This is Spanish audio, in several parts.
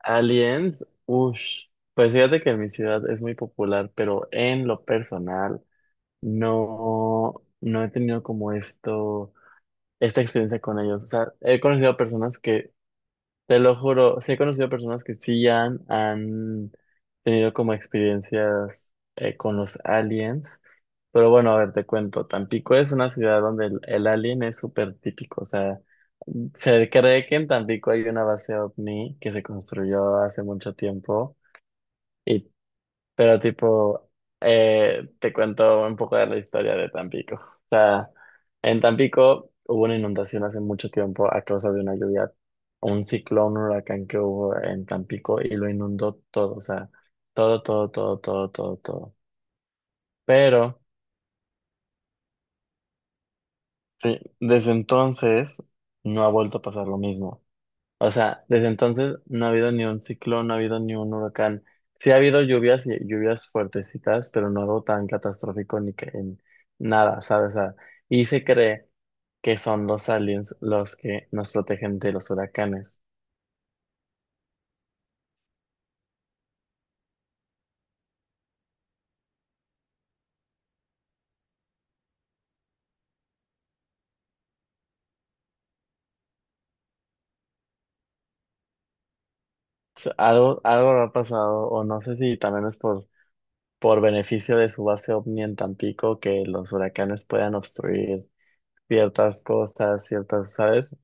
Aliens, ush, pues fíjate que en mi ciudad es muy popular, pero en lo personal no, no he tenido como esto, esta experiencia con ellos. O sea, he conocido personas que, te lo juro, sí he conocido personas que sí han tenido como experiencias con los aliens. Pero bueno, a ver, te cuento. Tampico es una ciudad donde el alien es súper típico. O sea, se cree que en Tampico hay una base ovni que se construyó hace mucho tiempo. Y, pero tipo, te cuento un poco de la historia de Tampico. En Tampico hubo una inundación hace mucho tiempo a causa de una lluvia, un ciclón, un huracán que hubo en Tampico y lo inundó todo, o sea, todo, todo, todo, todo, todo, todo. Pero sí, desde entonces no ha vuelto a pasar lo mismo. O sea, desde entonces no ha habido ni un ciclón, no ha habido ni un huracán. Sí ha habido lluvias y lluvias fuertecitas, pero no algo tan catastrófico ni que en nada, ¿sabes? O sea, y se cree que son los aliens los que nos protegen de los huracanes. Sea, algo, algo habrá pasado, o no sé si también es por beneficio de su base ovni en Tampico que los huracanes puedan obstruir ciertas cosas, ciertas, ¿sabes?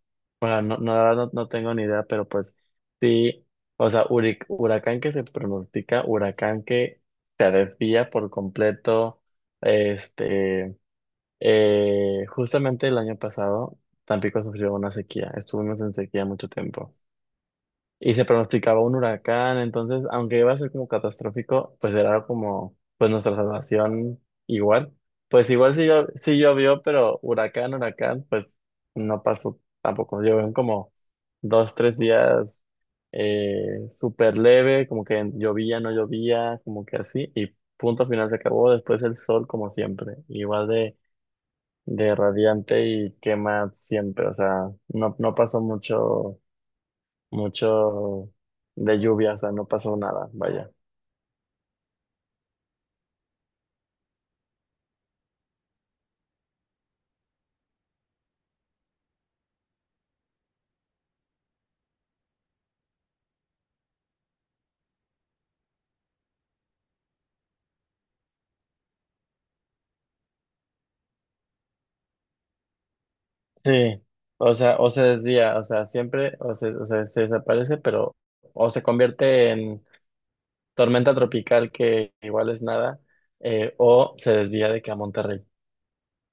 Bueno, no, no, la verdad no, no tengo ni idea, pero pues sí, o sea, huracán que se pronostica, huracán que se desvía por completo, este, justamente el año pasado, Tampico sufrió una sequía, estuvimos en sequía mucho tiempo y se pronosticaba un huracán. Entonces, aunque iba a ser como catastrófico, pues era como, pues nuestra salvación igual. Pues igual sí, sí llovió, pero huracán, huracán, pues no pasó tampoco. Llovieron como dos, tres días súper leve, como que llovía, no llovía, como que así, y punto final se acabó. Después el sol, como siempre, igual de radiante y quema siempre. O sea, no, no pasó mucho de lluvia, o sea, no pasó nada, vaya. Sí. O sea, o se desvía, o sea, siempre, o se, o sea, se desaparece, pero o se convierte en tormenta tropical que igual es nada, o se desvía de que a Monterrey,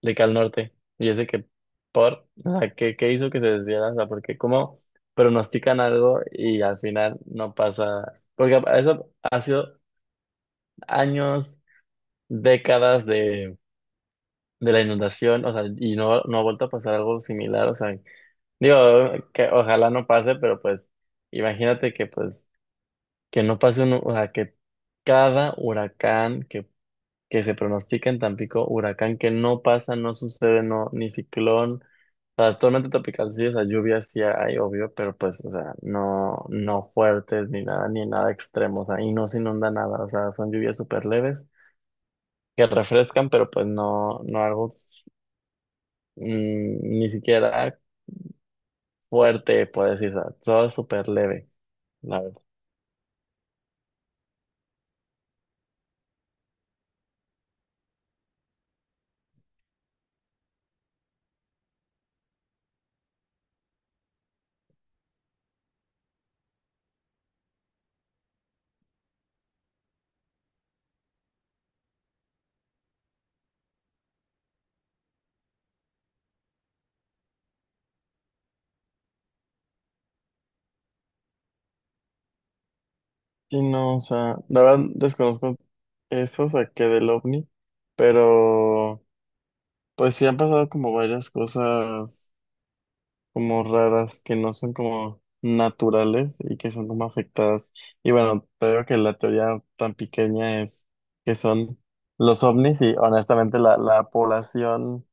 de que al norte. Y es de que, por, o sea, ¿qué, qué hizo que se desviara? O sea, porque como pronostican algo y al final no pasa, porque eso ha sido años, décadas de la inundación, o sea, y no, no ha vuelto a pasar algo similar, o sea, digo, que ojalá no pase, pero pues imagínate que pues que no pase un, o sea, que cada huracán que se pronostica en Tampico, huracán que no pasa, no sucede, no, ni ciclón, o sea, tormenta tropical sí, o sea, lluvias sí hay, obvio, pero pues, o sea, no, no fuertes ni nada, ni nada extremo, o sea, y no se inunda nada, o sea, son lluvias súper leves que refrescan, pero pues no, no algo ni siquiera fuerte, por decirlo, solo súper leve, la verdad. Y no, o sea, la verdad desconozco eso, o sea, que del ovni, pero pues sí han pasado como varias cosas como raras que no son como naturales y que son como afectadas. Y bueno, creo que la teoría tan pequeña es que son los ovnis y honestamente la población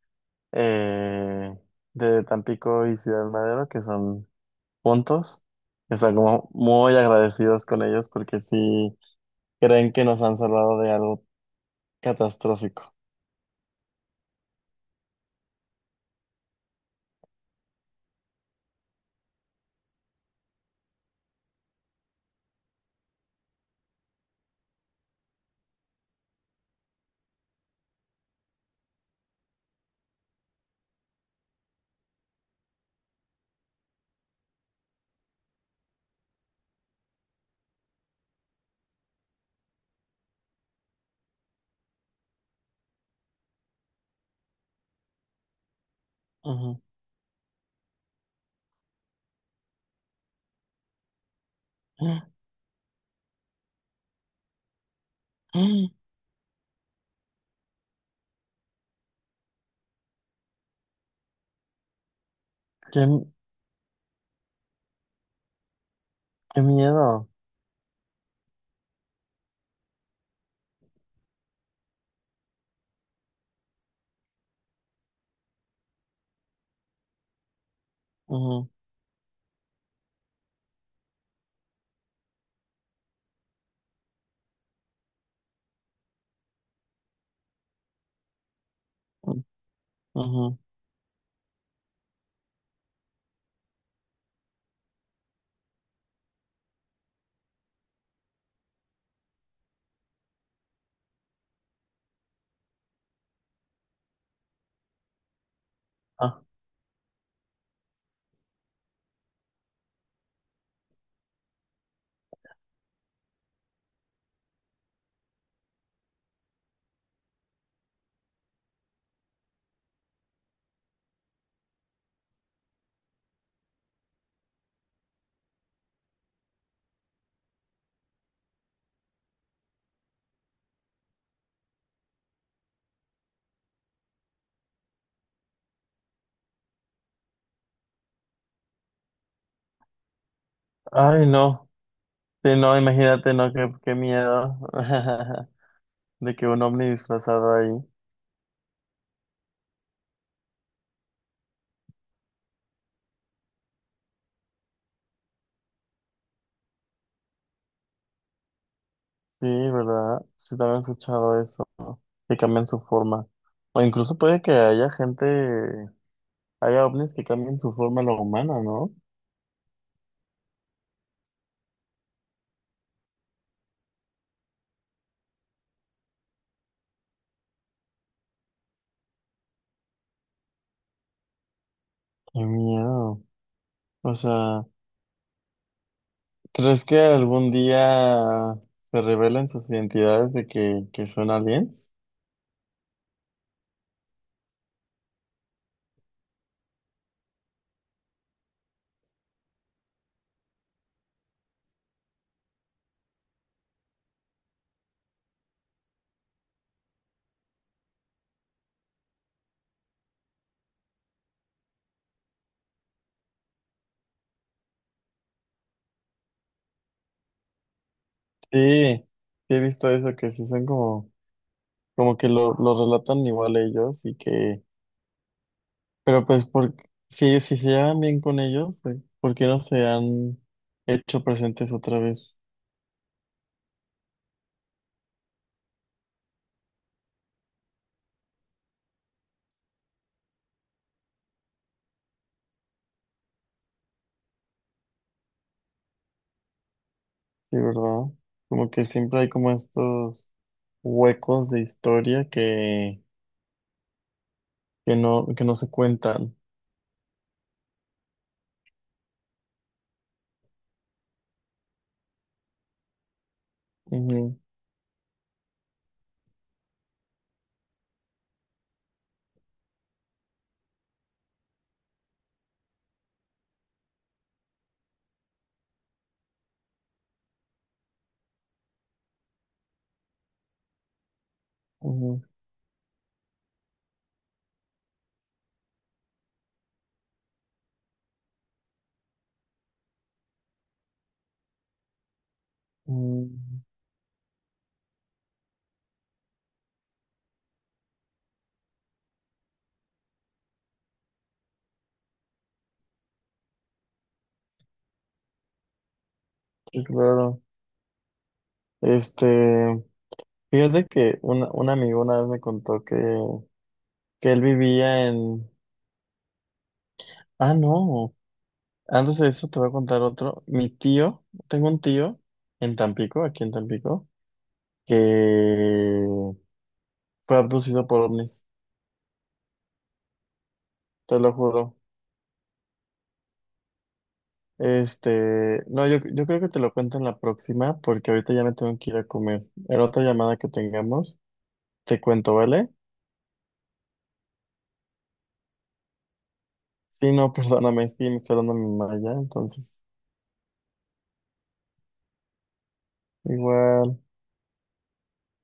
eh, de Tampico y Ciudad Madero, que son puntos. Están como muy agradecidos con ellos porque sí creen que nos han salvado de algo catastrófico. Ujú. ¡Qué, qué miedo! Ujú, ujú, ujú. Ah. Ay, no. Sí, no, imagínate, no, qué miedo de que un ovni disfrazado ahí. Sí, ¿verdad? Sí, también he escuchado eso, que cambian su forma. O incluso puede que haya gente, haya ovnis que cambien su forma a la humana, ¿no? Qué miedo. O sea, ¿crees que algún día se revelen sus identidades de que son aliens? Sí, sí he visto eso, que sí son como, como que lo relatan igual ellos y que, pero pues por, si, si se llevan bien con ellos, ¿por qué no se han hecho presentes otra vez? Sí, ¿verdad? Como que siempre hay como estos huecos de historia que no se cuentan. Ujú, ujú, ujú. Sí, claro. Este... Fíjate que un amigo una vez me contó que él vivía en... Ah, no. Antes de eso te voy a contar otro. Mi tío, tengo un tío en Tampico, aquí en Tampico, que fue abducido por ovnis, te lo juro. Este, no, yo creo que te lo cuento en la próxima porque ahorita ya me tengo que ir a comer. En otra llamada que tengamos, te cuento, ¿vale? Sí, no, perdóname, es que me está dando mi mamá ya, entonces, igual.